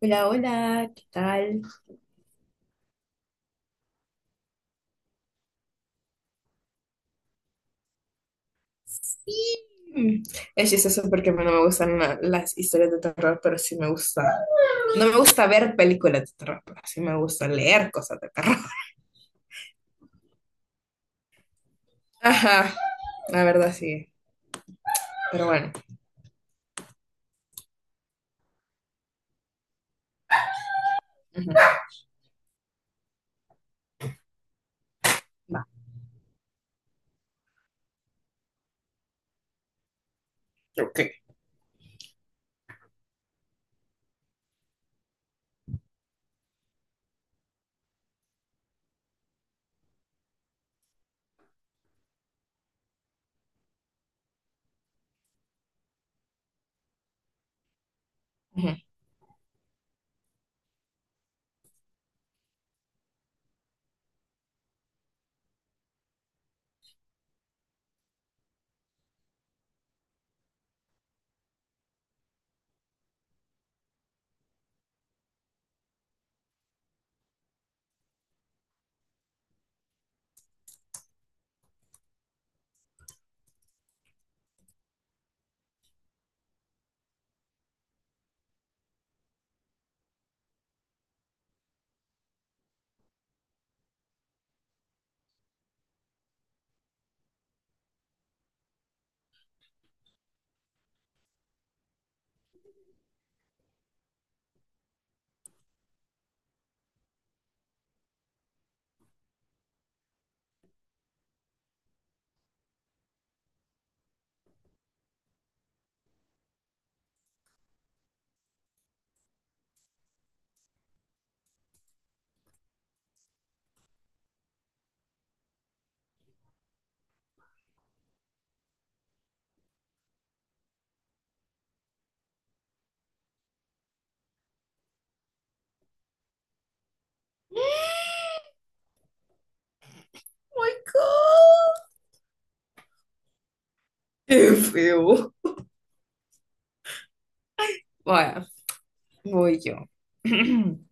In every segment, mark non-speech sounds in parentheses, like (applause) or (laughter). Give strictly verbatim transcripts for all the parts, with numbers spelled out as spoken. Hola, hola, ¿qué tal? Sí. Mm. Es chistoso porque a mí no me gustan la- las historias de terror, pero sí me gusta. No me gusta ver películas de terror, pero sí me gusta leer cosas de terror. (laughs) Ajá, la verdad sí. Pero bueno. Ujú. Ok. Ujú. Oh my God. Qué feo. Bueno, voy yo. (clears throat)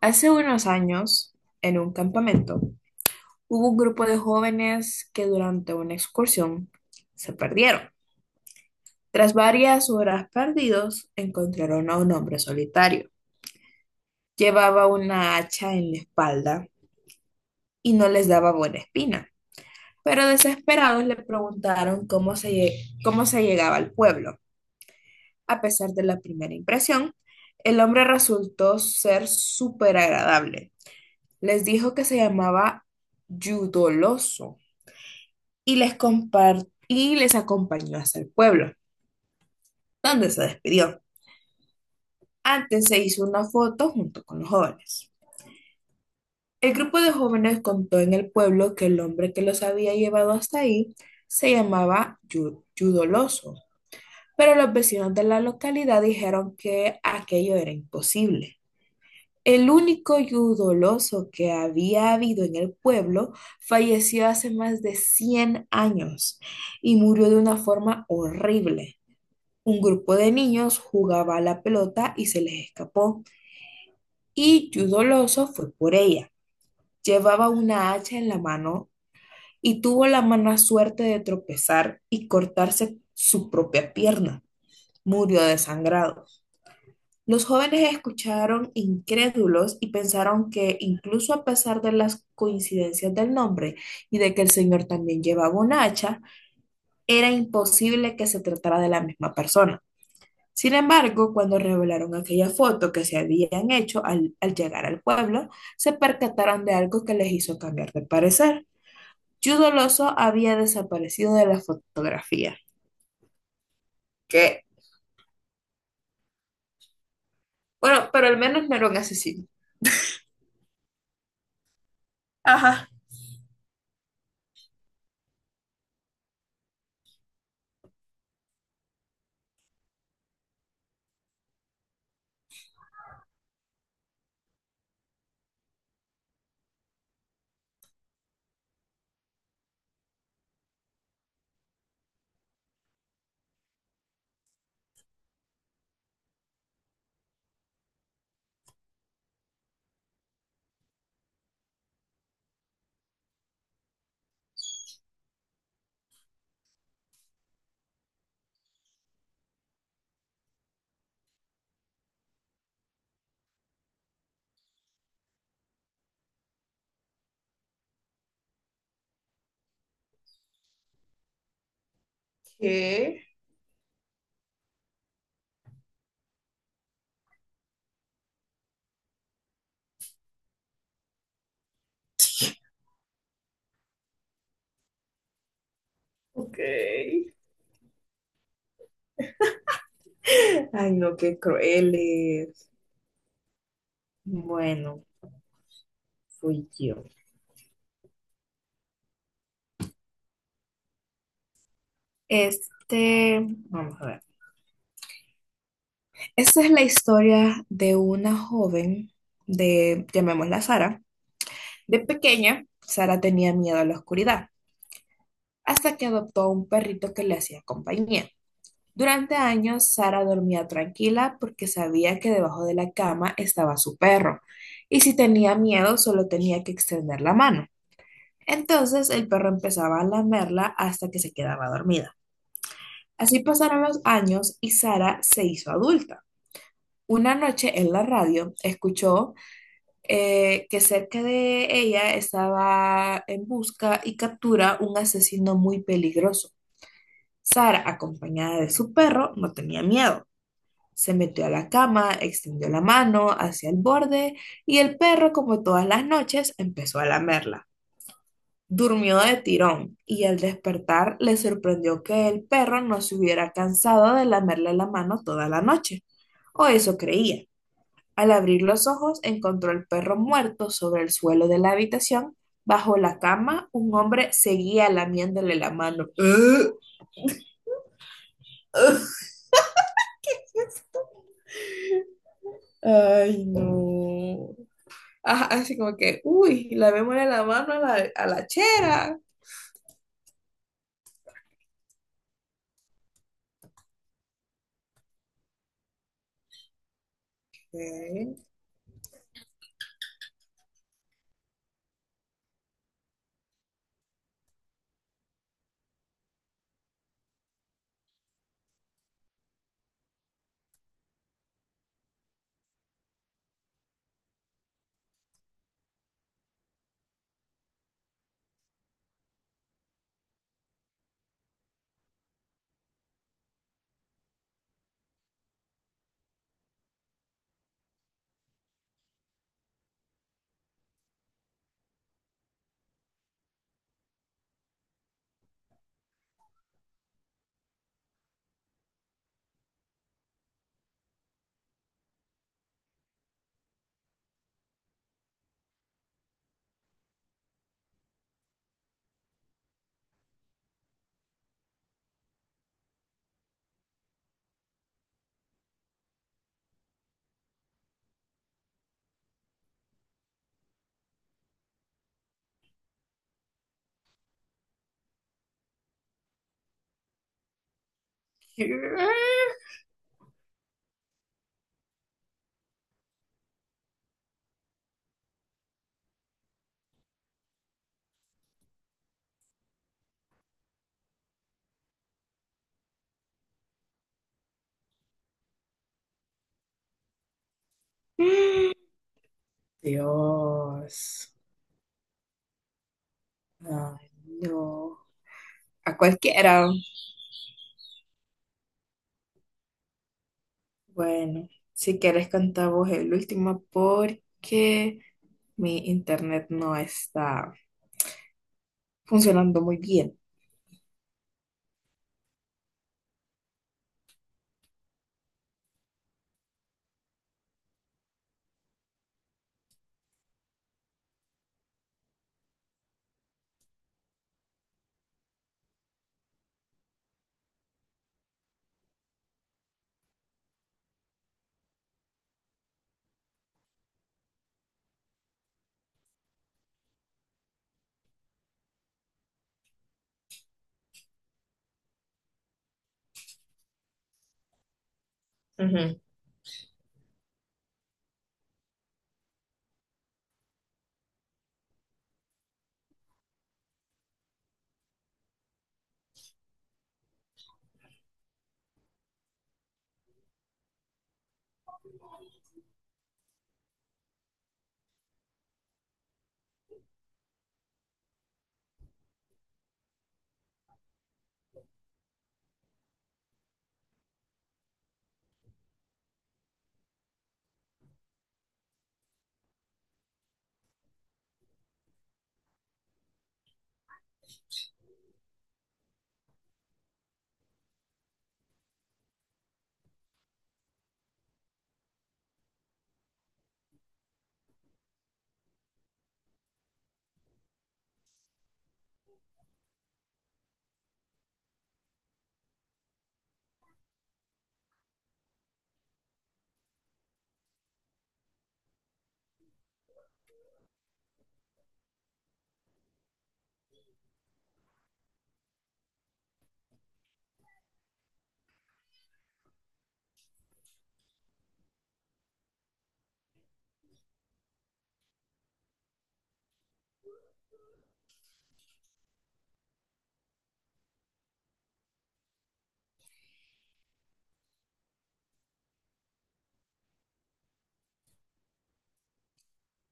Hace unos años, en un campamento, hubo un grupo de jóvenes que durante una excursión se perdieron. Tras varias horas perdidos, encontraron a un hombre solitario. Llevaba una hacha en la espalda y no les daba buena espina, pero desesperados le preguntaron cómo se, lle- cómo se llegaba al pueblo. A pesar de la primera impresión, el hombre resultó ser súper agradable. Les dijo que se llamaba Yudoloso y les, compar- y les acompañó hasta el pueblo, donde se despidió. Antes se hizo una foto junto con los jóvenes. El grupo de jóvenes contó en el pueblo que el hombre que los había llevado hasta ahí se llamaba Yu- Yudoloso, pero los vecinos de la localidad dijeron que aquello era imposible. El único Yudoloso que había habido en el pueblo falleció hace más de cien años y murió de una forma horrible. Un grupo de niños jugaba a la pelota y se les escapó, y Yudoloso fue por ella. Llevaba una hacha en la mano y tuvo la mala suerte de tropezar y cortarse su propia pierna. Murió desangrado. Los jóvenes escucharon incrédulos y pensaron que incluso a pesar de las coincidencias del nombre y de que el señor también llevaba un hacha, era imposible que se tratara de la misma persona. Sin embargo, cuando revelaron aquella foto que se habían hecho al, al llegar al pueblo, se percataron de algo que les hizo cambiar de parecer. Judo Loso había desaparecido de la fotografía. ¿Qué? Bueno, pero al menos no era un asesino. Ajá. ¿Qué? Ok. Ay, no, qué crueles. Bueno, fui yo. Este, vamos a ver. Esta es la historia de una joven de, llamémosla Sara. De pequeña, Sara tenía miedo a la oscuridad, hasta que adoptó a un perrito que le hacía compañía. Durante años, Sara dormía tranquila porque sabía que debajo de la cama estaba su perro, y si tenía miedo solo tenía que extender la mano. Entonces el perro empezaba a lamerla hasta que se quedaba dormida. Así pasaron los años y Sara se hizo adulta. Una noche en la radio escuchó, eh, que cerca de ella estaba en busca y captura un asesino muy peligroso. Sara, acompañada de su perro, no tenía miedo. Se metió a la cama, extendió la mano hacia el borde y el perro, como todas las noches, empezó a lamerla. Durmió de tirón y al despertar le sorprendió que el perro no se hubiera cansado de lamerle la mano toda la noche. O eso creía. Al abrir los ojos encontró al perro muerto sobre el suelo de la habitación. Bajo la cama, un hombre seguía lamiéndole la mano. (gasps) ¡Ugh! ¡Ugh! Ay, no. Ajá, así como que, uy, la memoria de la mano a la, a la chera. ¿Qué? Dios. Ay, no. A cualquiera. Bueno, si quieres cantar vos el último porque mi internet no está funcionando muy bien. Ujú.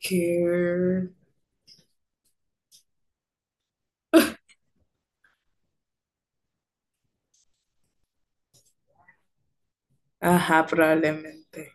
¿Qué? Ajá, probablemente.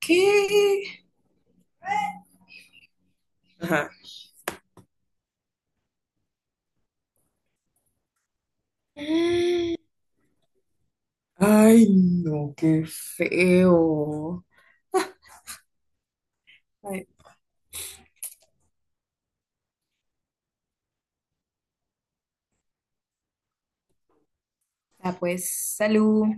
¿Qué? Ajá. Ay, no, qué feo. Ay, ah, pues, salud.